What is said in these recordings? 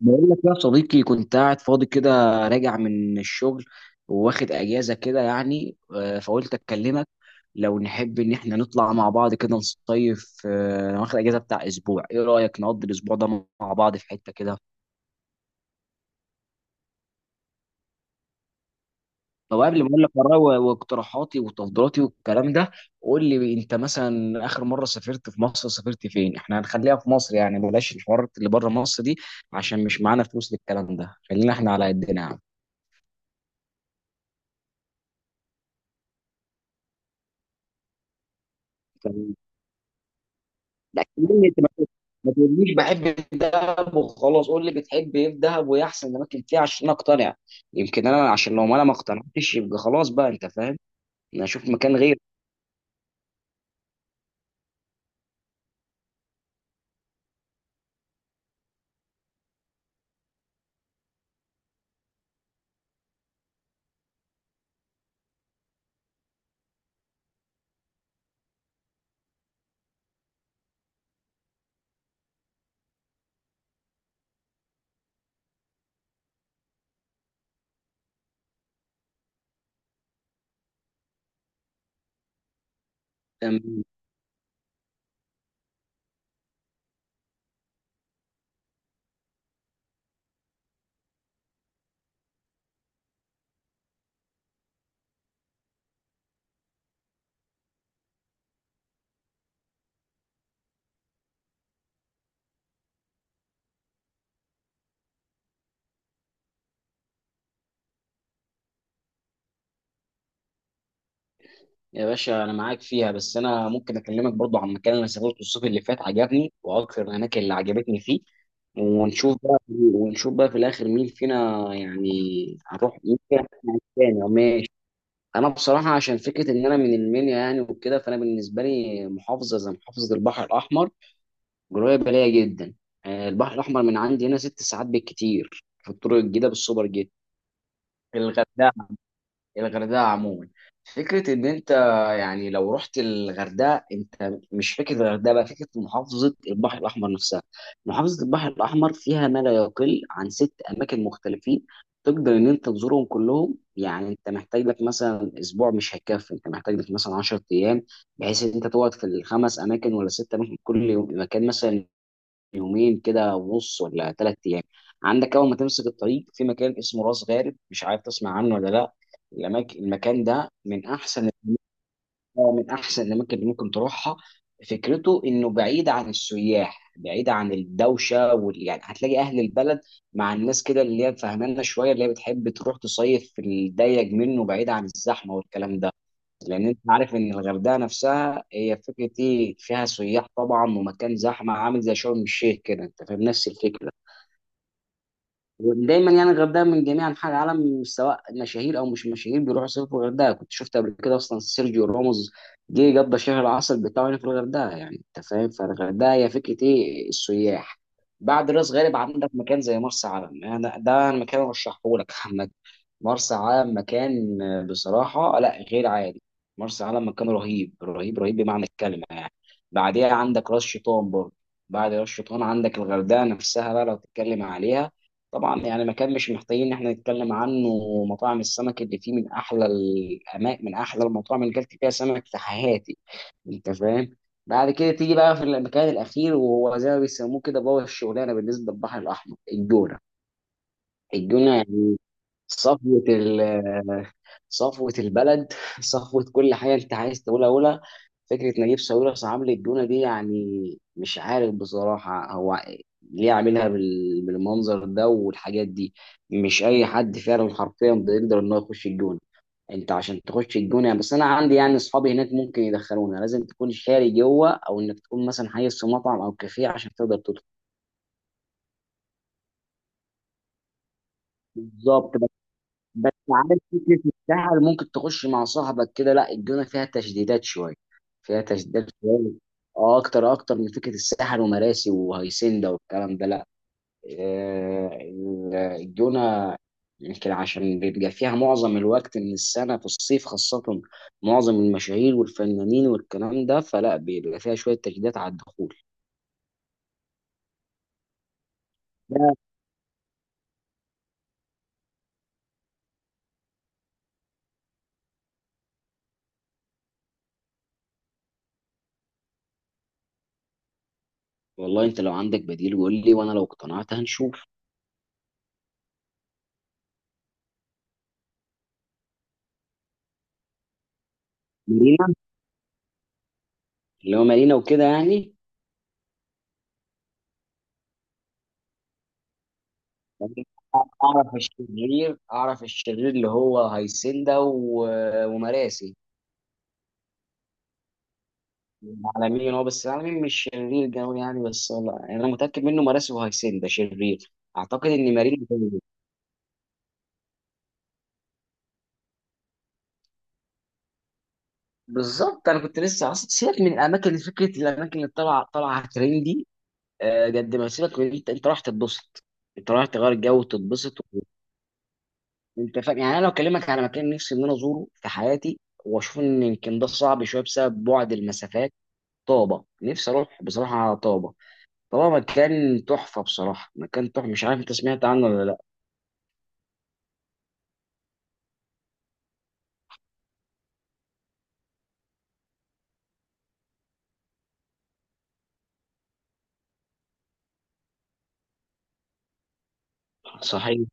بقول لك يا صديقي، كنت قاعد فاضي كده، راجع من الشغل، واخد اجازه كده يعني فقلت اكلمك. لو نحب ان احنا نطلع مع بعض كده نصيف. انا واخد اجازه بتاع اسبوع، ايه رايك نقضي الاسبوع ده مع بعض في حته كده؟ طب قبل ما اقول لك آراء و- واقتراحاتي وتفضيلاتي والكلام ده، قول لي انت، مثلا اخر مره سافرت في مصر سافرت فين؟ احنا هنخليها في مصر يعني، بلاش الحوارات اللي بره مصر دي، عشان مش معانا فلوس للكلام ده، خلينا احنا على قدنا يا عم. لا كلمني انت، ما تقوليش بحب الدهب وخلاص، قول لي بتحب ايه في دهب وايه احسن الاماكن فيها عشان اقتنع، يمكن انا، عشان لو ما انا ما اقتنعتش يبقى خلاص بقى، انت فاهم. انا اشوف مكان غير. تمام. يا باشا انا معاك فيها، بس انا ممكن اكلمك برضو عن مكان انا سافرته الصيف اللي فات، عجبني واكثر الاماكن اللي عجبتني فيه، ونشوف بقى في الاخر مين فينا يعني، هنروح مين فينا تاني. انا بصراحه، عشان فكره ان انا من المنيا يعني وكده، فانا بالنسبه لي محافظه زي محافظه البحر الاحمر قريبه ليا جدا. البحر الاحمر من عندي هنا 6 ساعات بالكتير في الطرق الجديده بالسوبر جيت. الغردقة الغردقه عموما، فكره ان انت يعني لو رحت الغردقه، انت مش فكره الغردقه بقى، فكره محافظه البحر الاحمر نفسها. محافظه البحر الاحمر فيها ما لا يقل عن ست اماكن مختلفين، تقدر ان انت تزورهم كلهم، يعني انت محتاج لك مثلا اسبوع مش هيكفي، انت محتاج لك مثلا 10 ايام، بحيث ان انت تقعد في الخمس اماكن ولا ست اماكن، كل يوم مكان، مثلا يومين كده ونص ولا 3 ايام. عندك اول ما تمسك الطريق في مكان اسمه راس غارب، مش عارف تسمع عنه ولا لا. المكان ده من احسن الاماكن اللي ممكن تروحها. فكرته انه بعيد عن السياح، بعيد عن الدوشه يعني هتلاقي اهل البلد، مع الناس كده اللي هي فهمانه شويه، اللي هي بتحب تروح تصيف في الضيق منه، بعيد عن الزحمه والكلام ده. لان انت عارف ان الغردقه نفسها هي فكره ايه، فيها سياح طبعا، ومكان زحمه عامل زي شرم الشيخ كده، انت فاهم نفس الفكره. ودايما يعني الغردقه من جميع انحاء العالم، سواء مشاهير او مش مشاهير، بيروحوا يصيفوا في الغردقه. كنت شفت قبل كده اصلا سيرجيو راموس جه قضى شهر العسل بتاعه هنا في الغردقه، يعني انت فاهم، فالغردقه هي فكره ايه، السياح. بعد راس غارب عندك مكان زي مرسى علم، يعني ده المكان اللي رشحه لك محمد. مرسى علم مكان بصراحه لا، غير عادي. مرسى علم مكان رهيب رهيب رهيب بمعنى الكلمه يعني. بعديها عندك راس شيطان برضه. بعد راس شيطان عندك الغردقه نفسها بقى لو تتكلم عليها، طبعا يعني مكان مش محتاجين ان احنا نتكلم عنه. مطاعم السمك اللي فيه من احلى المطاعم اللي اكلت فيها سمك في حياتي، انت فاهم. بعد كده تيجي بقى في المكان الاخير، وهو زي ما بيسموه كده بابا الشغلانه بالنسبه للبحر الاحمر، الجونه. الجونه يعني صفوة ال صفوة البلد، صفوة كل حاجة، أنت عايز تقولها قولها. فكرة نجيب ساويرس عامل الجونة دي يعني، مش عارف بصراحة هو ليه عاملها بالمنظر ده والحاجات دي. مش أي حد فعلا حرفيا بيقدر إن هو يخش الجونة، أنت عشان تخش الجونة يعني، بس أنا عندي يعني أصحابي هناك ممكن يدخلونا، لازم تكون شاري جوه أو إنك تكون مثلا حيز في مطعم أو كافيه عشان تقدر تدخل. بالظبط، بس عارف فكرة السهل ممكن تخش مع صاحبك كده، لا الجونة فيها تشديدات شوية. فيها تشديدات شوية. اه اكتر اكتر من فكرة الساحل ومراسي وهيسندا والكلام ده، لا. الجونة يمكن عشان بيبقى فيها معظم الوقت من السنة في الصيف خاصة، معظم المشاهير والفنانين والكلام ده، فلا بيبقى فيها شوية تشديدات على الدخول. لا والله، انت لو عندك بديل قول لي، وانا لو اقتنعت هنشوف. مارينا. اللي هو مارينا وكده يعني. يعني اعرف الشرير اللي هو هيسندا و- ومراسي. العالمين هو، بس العالمين مش شرير قوي يعني، بس لا يعني انا متاكد منه مراسي وهيسندا شرير. اعتقد ان مارين برضه. بالظبط، انا كنت لسه اصلا، سيبك من الاماكن فكره الاماكن اللي طالعه طالعه ترندي، قد ما سيبك من انت رايح تتبسط، انت رايح تغير جو وتتبسط انت فاهم يعني، انا لو اكلمك على مكان نفسي ان انا ازوره في حياتي، واشوف ان يمكن ده صعب شويه بسبب بعد المسافات. طابة، نفسي أروح بصراحة على طابة. طابة مكان تحفة، بصراحة مكان تحفة، مش عارف أنت سمعت عنه ولا لأ؟ صحيح.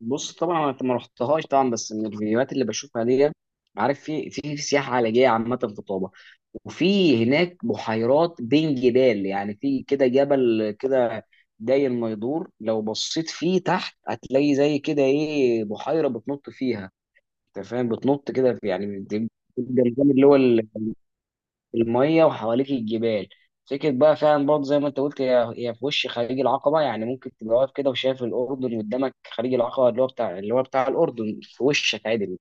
بص طبعا، أنا ما رحتهاش طبعا، بس من الفيديوهات اللي بشوفها دي، عارف في سياحة علاجية عامة في طابة، وفي هناك بحيرات بين جبال، يعني في كده جبل كده داير ما يدور، لو بصيت فيه تحت هتلاقي زي كده إيه بحيرة بتنط فيها، أنت فاهم، بتنط كده يعني بتبقى الجمجمة اللي هو المية وحواليك الجبال. فكرة بقى فعلا برضه زي ما انت قلت، هي في وش خليج العقبة، يعني ممكن تبقى واقف كده وشايف الأردن قدامك، خليج العقبة اللي هو بتاع الأردن في وشك عادي.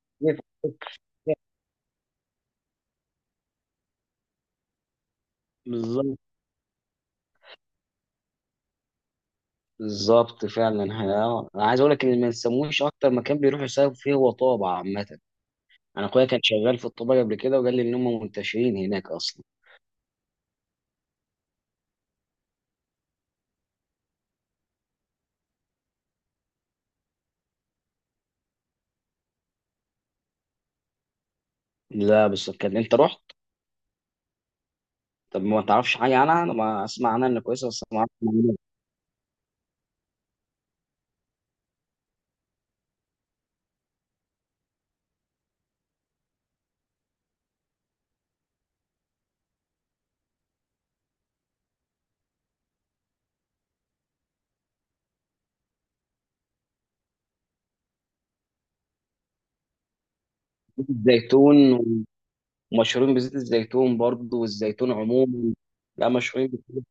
بالظبط بالظبط فعلا، انا عايز اقول لك ان ما نسموش اكتر مكان بيروحوا يصيفوا فيه هو طابة عامة. انا اخويا كان شغال في الطابة قبل كده، وقال لي ان هم منتشرين هناك اصلا. لا، بس كان، انت رحت؟ طب ما تعرفش حاجة عنها؟ انا ما اسمع عنها انها كويسة بس ما اعرفش عنها. زيتون، ومشهورين بزيت الزيتون برضه والزيتون عموما. لا مشهورين بزيت.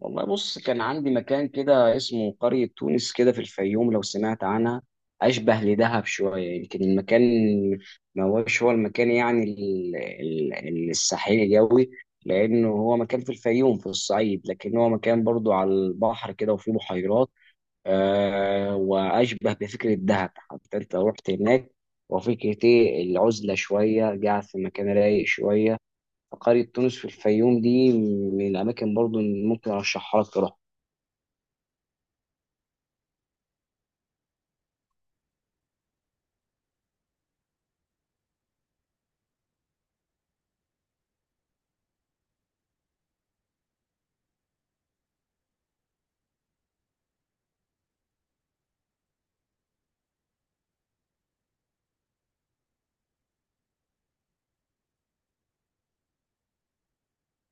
والله بص، كان عندي مكان كده اسمه قرية تونس كده في الفيوم، لو سمعت عنها. أشبه لدهب شوية يمكن المكان، ما هوش هو المكان يعني الساحلي قوي، لأنه هو مكان في الفيوم في الصعيد، لكن هو مكان برضو على البحر كده وفيه بحيرات. وأشبه بفكرة دهب حتى، أنت رحت هناك؟ وفكرة إيه العزلة شوية، قاعد في مكان رايق شوية، فقرية تونس في الفيوم دي من الأماكن برضو اللي ممكن أرشحها لك تروح.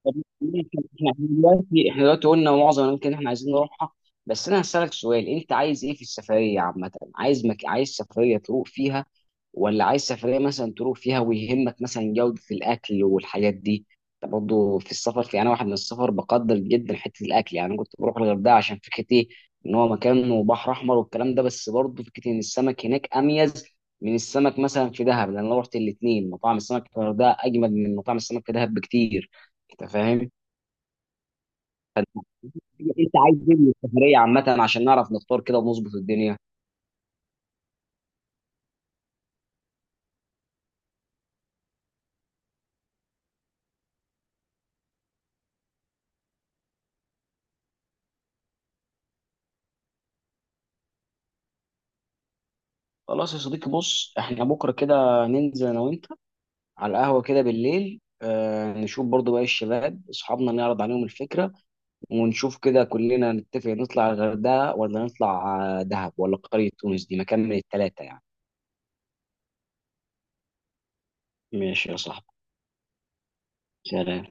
طب ماشي، احنا دلوقتي قلنا معظم الأماكن اللي احنا عايزين نروحها، بس أنا هسألك سؤال، أنت عايز إيه في السفرية عامة؟ عايز سفرية تروح فيها، ولا عايز سفرية مثلا تروح فيها ويهمك مثلا جودة الأكل والحاجات دي. أنت برضه في السفر، أنا واحد من السفر بقدر جدا حتة الأكل، يعني أنا كنت بروح الغردقة عشان فكرة إيه، إن هو مكان بحر أحمر والكلام ده، بس برضه فكرة إن السمك هناك أميز من السمك مثلا في دهب، لأن أنا رحت الاتنين. مطاعم السمك في الغردقة أجمد من مطاعم السمك في دهب بكتير، أنت فاهم؟ أنت عايز إيه من السفرية عامة، عشان نعرف نختار كده ونظبط الدنيا. خلاص يا صديقي، بص احنا بكره كده ننزل انا وانت على القهوة كده بالليل، نشوف برضو باقي الشباب أصحابنا، نعرض عليهم الفكرة، ونشوف كده كلنا نتفق، نطلع على الغردقة ولا نطلع دهب ولا قرية تونس، دي مكان من التلاتة يعني. ماشي يا صاحبي، سلام.